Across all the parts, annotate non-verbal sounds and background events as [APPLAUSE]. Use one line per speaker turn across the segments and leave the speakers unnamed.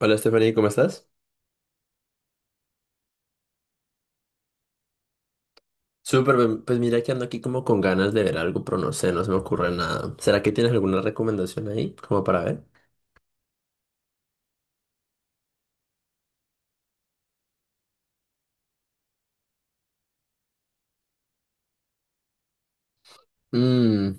Hola Stephanie, ¿cómo estás? Súper, bien. Pues mira que ando aquí como con ganas de ver algo, pero no sé, no se me ocurre nada. ¿Será que tienes alguna recomendación ahí como para ver? Mm,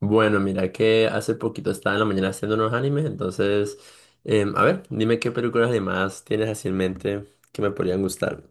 bueno, mira que hace poquito estaba en la mañana haciendo unos animes, entonces, a ver, dime qué películas animadas tienes así en mente que me podrían gustar.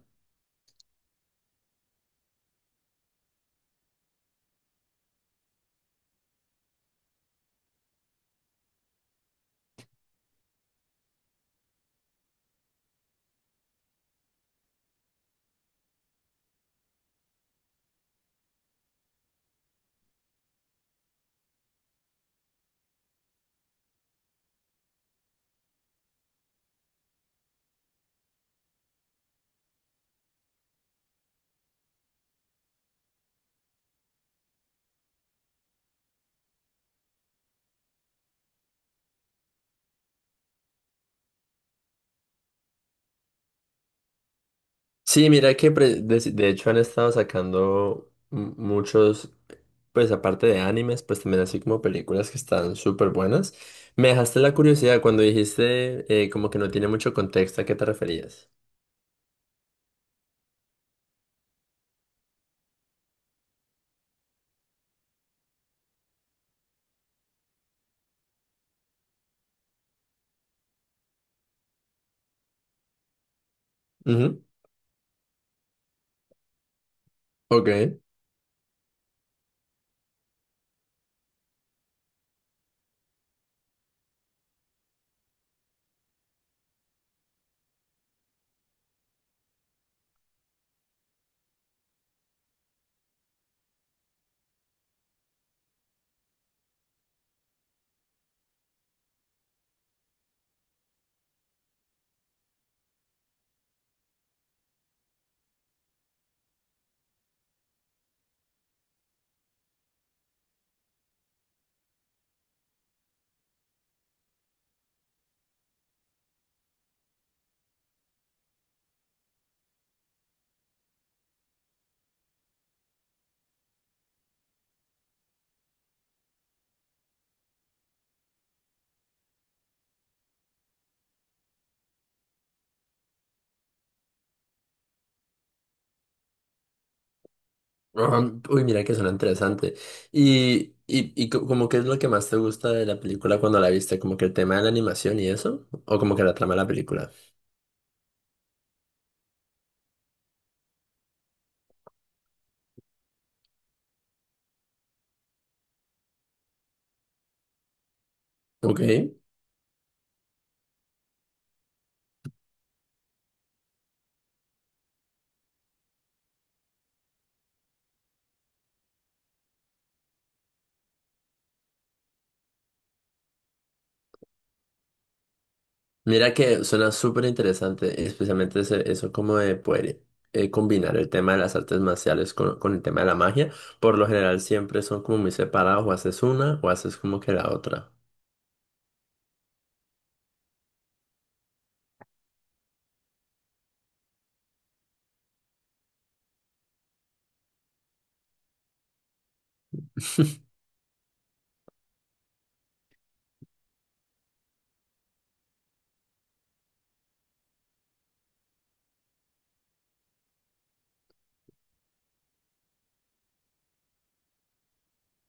Sí, mira que de hecho han estado sacando muchos, pues aparte de animes, pues también así como películas que están súper buenas. Me dejaste la curiosidad cuando dijiste como que no tiene mucho contexto, ¿a qué te referías? Ujú. Ok. Ajá. Uy, mira que suena interesante. Y como qué es lo que más te gusta de la película cuando la viste, como que el tema de la animación y eso, o como que la trama de la película. Ok. Mira que suena súper interesante, especialmente eso como de poder, combinar el tema de las artes marciales con el tema de la magia. Por lo general siempre son como muy separados, o haces una o haces como que la otra.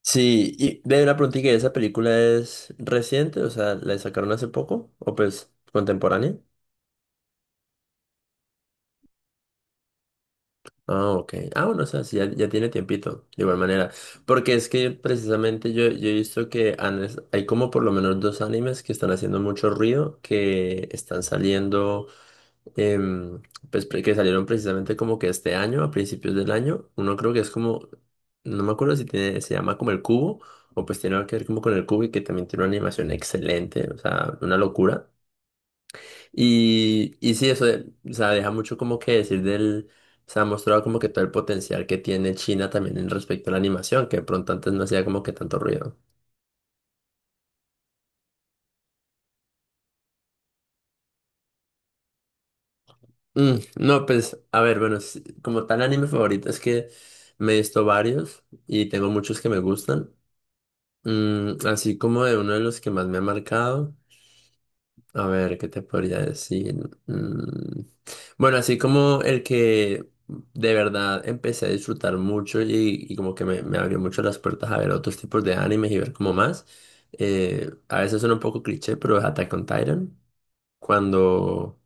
Sí, y ve una pregunta, ¿esa película es reciente? O sea, ¿la sacaron hace poco o pues contemporánea? Ah, ok. Ah, bueno, o sea, sí, ya, ya tiene tiempito, de igual manera. Porque es que precisamente yo he visto que hay como por lo menos dos animes que están haciendo mucho ruido, que están saliendo, em, pues que salieron precisamente como que este año, a principios del año. Uno creo que es como, no me acuerdo si tiene, se llama como el cubo, o pues tiene algo que ver como con el cubo y que también tiene una animación excelente, o sea, una locura. Y sí, eso, o sea, deja mucho como que decir del, se ha mostrado como que todo el potencial que tiene China también en respecto a la animación, que de pronto antes no hacía como que tanto ruido. No, pues, a ver, bueno, sí, como tal anime favorito es que me he visto varios y tengo muchos que me gustan. Así como de uno de los que más me ha marcado. A ver, ¿qué te podría decir? Mm. Bueno, así como el que de verdad empecé a disfrutar mucho y como que me abrió mucho las puertas a ver otros tipos de animes y ver como más. A veces suena un poco cliché, pero es Attack on Titan. Cuando,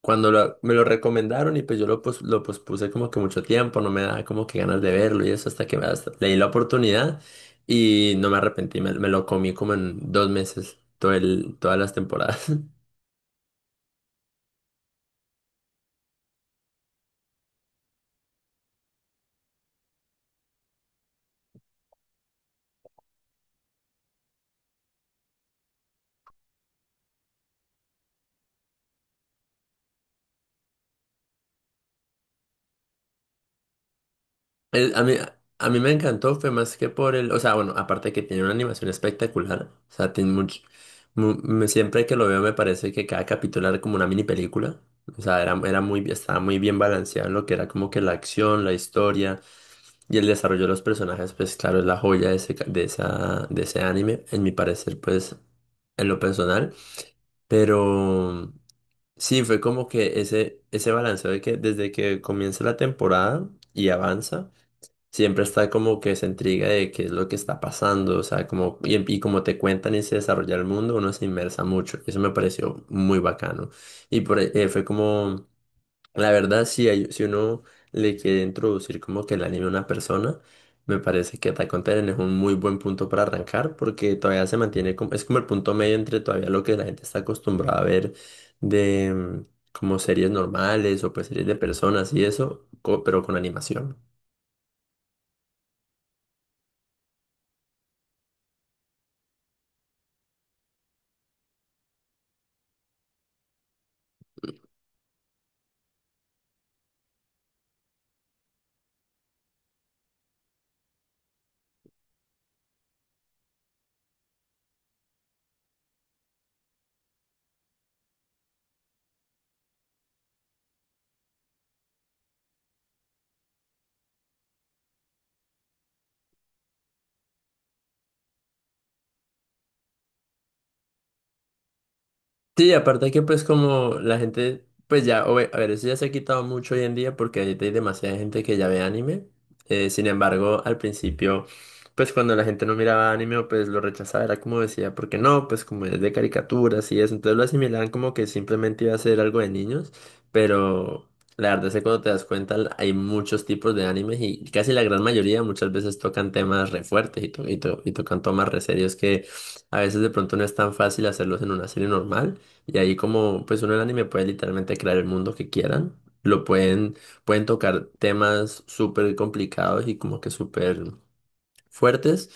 cuando me lo recomendaron y pues yo lo pospuse como que mucho tiempo, no me daba como que ganas de verlo y eso hasta que le di la oportunidad y no me arrepentí, me lo comí como en 2 meses, todas las temporadas. [LAUGHS] A mí, a mí me encantó, fue más que por el, o sea, bueno, aparte que tiene una animación espectacular, o sea, tiene mucho, siempre que lo veo me parece que cada capítulo era como una mini película, o sea, era, estaba muy bien balanceado en lo que era como que la acción, la historia y el desarrollo de los personajes, pues claro, es la joya de ese, ca- de esa, de ese anime, en mi parecer, pues, en lo personal, pero sí, fue como que ese balanceo de que desde que comienza la temporada y avanza. Siempre está como que se intriga de qué es lo que está pasando, o sea, como, y como te cuentan y se desarrolla el mundo, uno se inmersa mucho. Eso me pareció muy bacano. Y por, ahí, fue como, la verdad, si, si uno le quiere introducir como que el anime a una persona, me parece que Attack on Titan es un muy buen punto para arrancar, porque todavía se mantiene como, es como el punto medio entre todavía lo que la gente está acostumbrada a ver de, como series normales o pues series de personas y eso, pero con animación. Sí, aparte que pues como la gente, pues ya, a ver, eso ya se ha quitado mucho hoy en día porque ahorita hay demasiada gente que ya ve anime. Sin embargo, al principio, pues cuando la gente no miraba anime, pues lo rechazaba, era como decía, porque no, pues como es de caricaturas y eso, entonces lo asimilaban como que simplemente iba a ser algo de niños, pero la verdad es que cuando te das cuenta hay muchos tipos de animes y casi la gran mayoría muchas veces tocan temas re fuertes y tocan temas re serios que a veces de pronto no es tan fácil hacerlos en una serie normal. Y ahí como pues uno en el anime puede literalmente crear el mundo que quieran. Lo pueden, pueden tocar temas súper complicados y como que súper fuertes,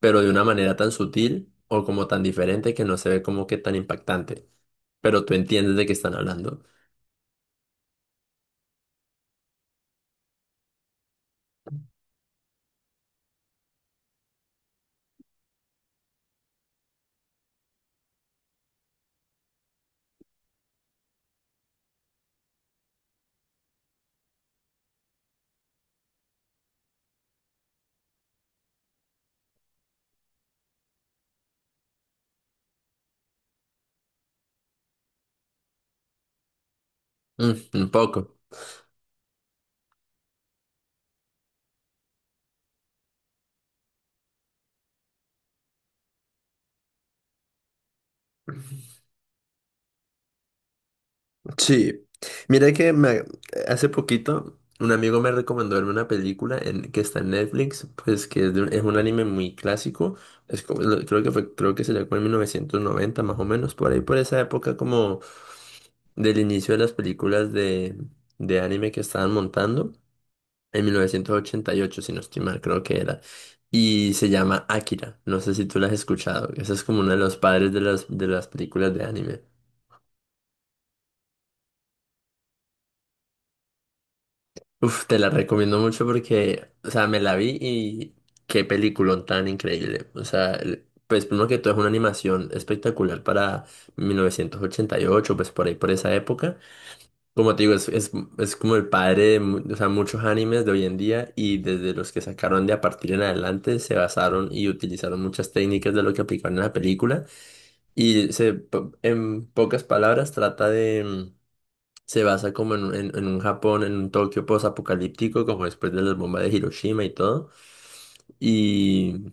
pero de una manera tan sutil o como tan diferente que no se ve como que tan impactante. Pero tú entiendes de qué están hablando. Mm, un poco. Sí, mira que hace poquito un amigo me recomendó verme una película en, que está en Netflix, pues que es, es un anime muy clásico, es creo que sería como en 1990 más o menos, por ahí por esa época como del inicio de las películas de anime que estaban montando, en 1988 si no estoy mal, creo que era, y se llama Akira, no sé si tú la has escuchado, ese es como uno de los padres de las películas de anime. Uf, te la recomiendo mucho porque, o sea, me la vi y qué peliculón tan increíble. O sea, pues primero que todo es una animación espectacular para 1988, pues por ahí, por esa época. Como te digo, es como el padre de, o sea, muchos animes de hoy en día y desde los que sacaron de a partir en adelante se basaron y utilizaron muchas técnicas de lo que aplicaron en la película. En pocas palabras, trata de, se basa como en, en un Japón, en un Tokio post-apocalíptico, como después de las bombas de Hiroshima y todo. Y,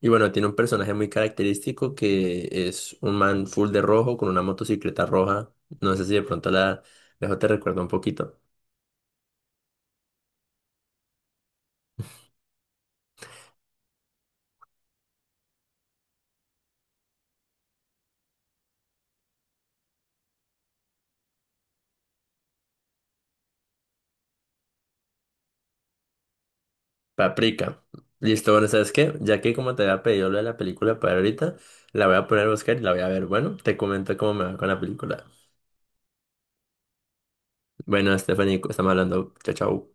y bueno, tiene un personaje muy característico que es un man full de rojo con una motocicleta roja. No sé si de pronto la dejo, te recuerdo un poquito. Paprika. Listo, bueno, ¿sabes qué? Ya que como te había pedido lo de la película para ahorita, la voy a poner a buscar y la voy a ver. Bueno, te comento cómo me va con la película. Bueno, Stephanie, estamos hablando. Chao, chao.